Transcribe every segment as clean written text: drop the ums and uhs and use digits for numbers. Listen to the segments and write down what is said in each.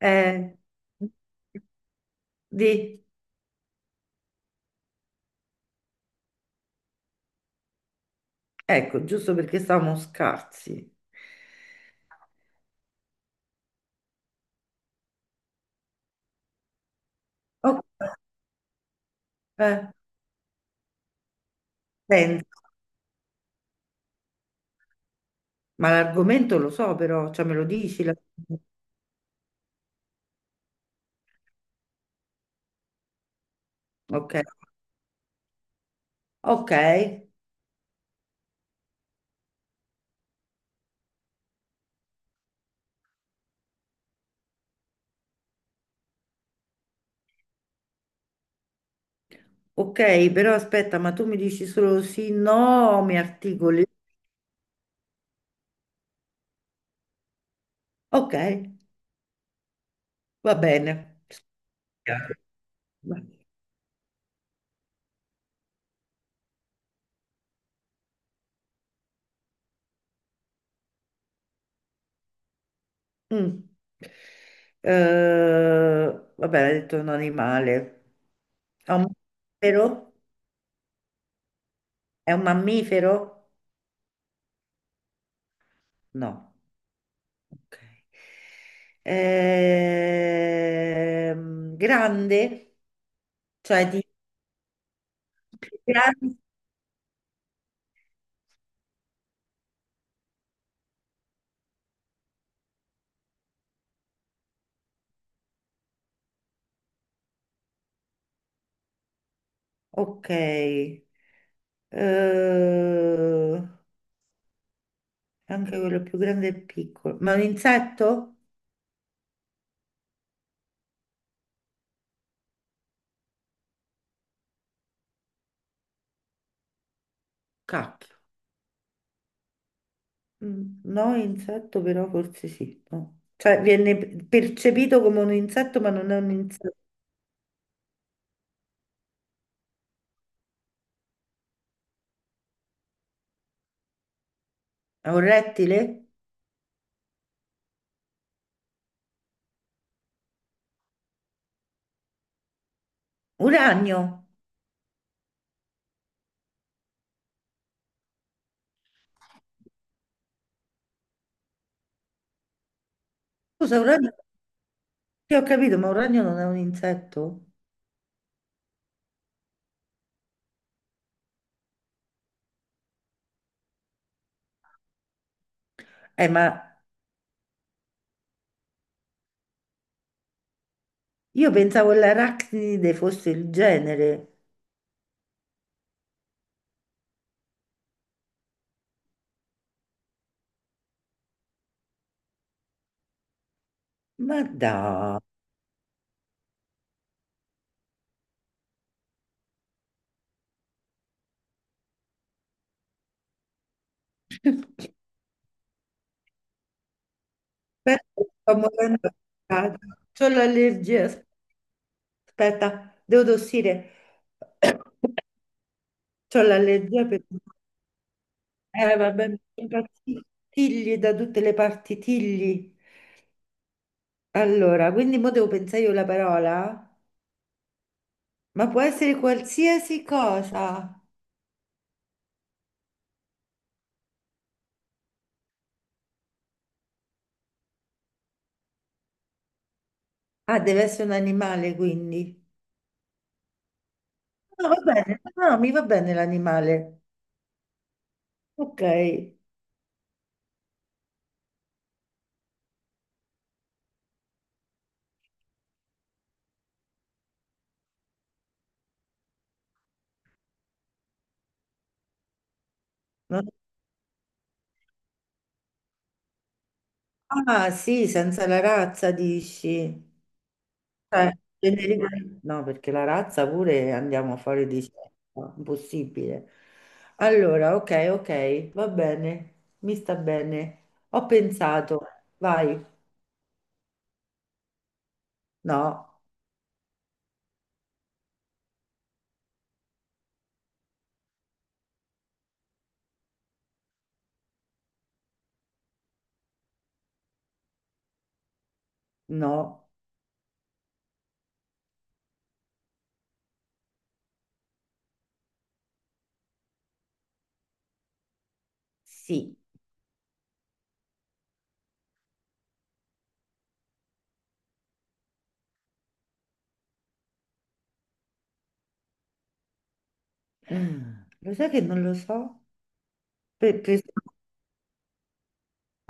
Eh, di, ecco, giusto perché siamo scarsi. Oh, eh, pensa. Ma l'argomento lo so però, cioè me lo dici? La- Ok, ok, ok, però aspetta, ma tu mi dici solo sì, no, o mi articoli? Ok, va bene. Va- Mm. Eh, va bene, ha detto un animale. È un mammifero? È un mammifero? No. Ok. Grande, cioè di più grande. Ok. Eh, anche quello più grande e piccolo. Ma è un insetto? Cacchio. Mm, no, insetto però forse sì. No. Cioè viene percepito come un insetto, ma non è un insetto. È un rettile? Un ragno. Scusa, un ragno. Sì, ho capito, ma un ragno non è un insetto? Ma io pensavo l'arachnide fosse il genere, ma dai, aspetta, che sto morendo di caldo. C'ho l'allergia, aspetta, devo tossire, c'ho l'allergia per... vabbè, mi impazzisco. Tigli da tutte le parti, tigli. Allora, quindi mo devo pensare io la parola? Ma può essere qualsiasi cosa. Ah, deve essere un animale, quindi. No, va bene, no, mi va bene l'animale. Ok. Ah, sì, senza la razza dici. Cioè, generica- No, perché la razza pure andiamo fuori di scelta, impossibile. Allora, ok, ok, va bene, mi sta bene. Ho pensato, vai. No, no, sì. Lo sai che non lo so? Per-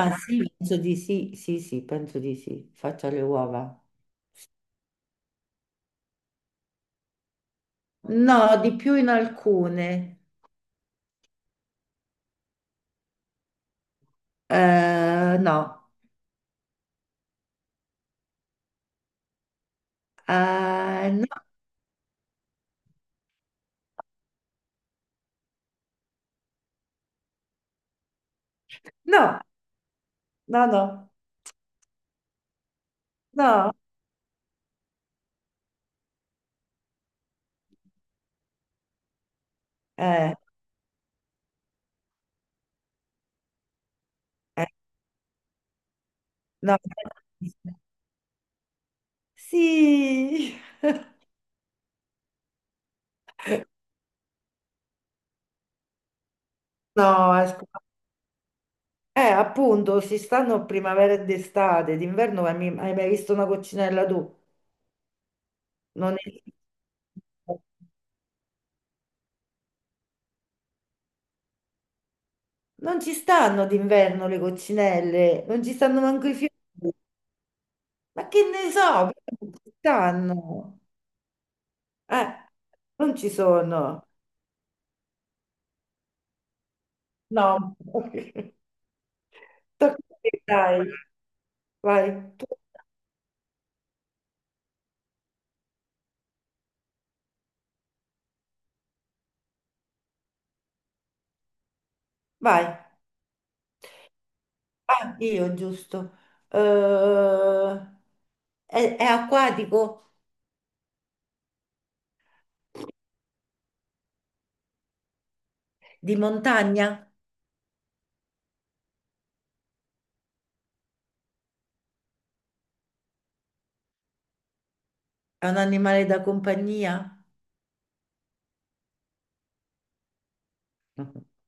Ah, sì, penso di sì, sì, sì, penso di sì. Faccio le uova. No, di più in alcune. No. No. No, no, no, no, eh, eh, no. Sì, no, è scu- Appunto, si stanno primavera ed estate, d'inverno hai mai visto una coccinella tu? Non esiste. Non ci stanno d'inverno le coccinelle, non ci stanno manco i fiori, ma che ne so, però non ci stanno, eh, non ci sono, no. Tocca a te, dai, vai, tu- vai. Ah, io giusto. Eh, è acquatico? Di montagna? È un animale da compagnia?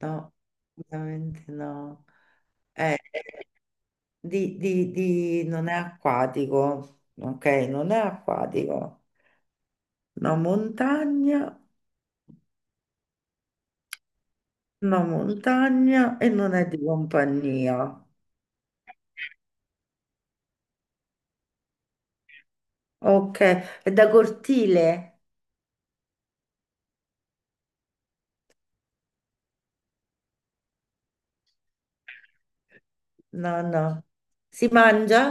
No, veramente no. Eh, non è acquatico. Ok, non è acquatico. No montagna, no montagna e non è di compagnia. Ok, è da cortile? No, no. Si mangia?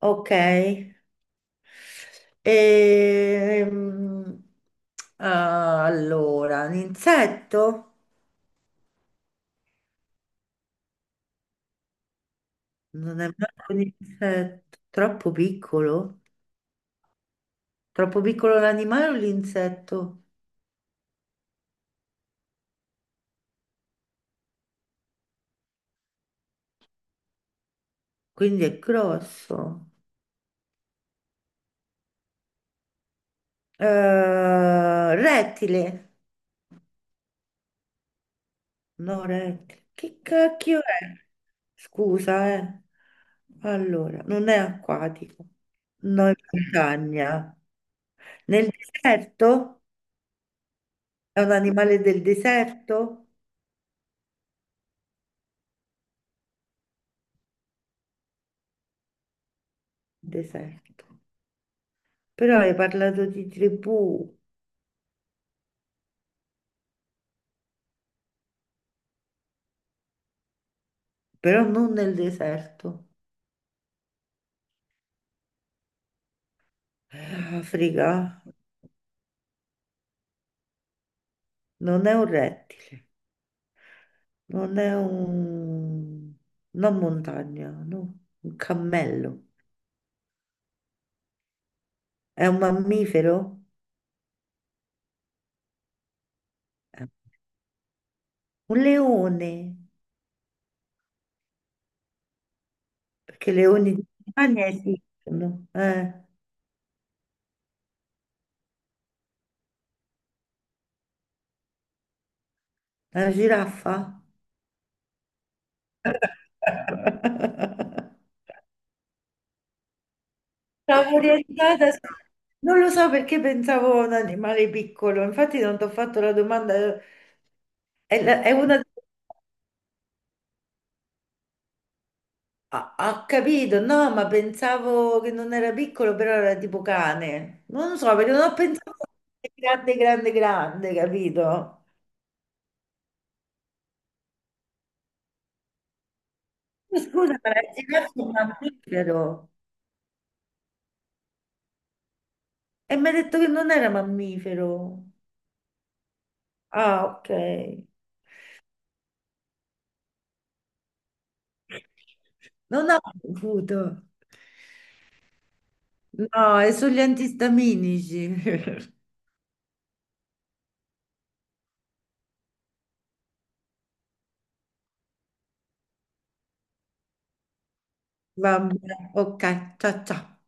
Ok. Ehm, allora, un insetto? Non è manco un insetto, troppo piccolo? Troppo piccolo l'animale o l'insetto? Quindi è grosso. Rettile? No, rettile. Che cacchio è? Scusa, eh. Allora, non è acquatico. No, in montagna. Nel deserto? È un animale del deserto? Deserto. Però hai parlato di tribù, però non nel deserto. Africa non è un rettile, non è un... non montagna, no, un cammello. È un mammifero? Eh. Un leone, perché leoni di montagna esistono. Una giraffa? Stavo orientata su- Non lo so perché pensavo a un animale piccolo, infatti non ti ho fatto la domanda. È, la- è una... Ha capito, no, ma pensavo che non era piccolo, però era tipo cane. Non lo so, perché non ho pensato che grande, grande, grande, capito? Ma scusa, ma la giraffa è un mammifero. E mi ha detto che non era mammifero. Ah, ok. Non ho saputo. No, è sugli antistaminici. Vabbè, ok, ciao ciao.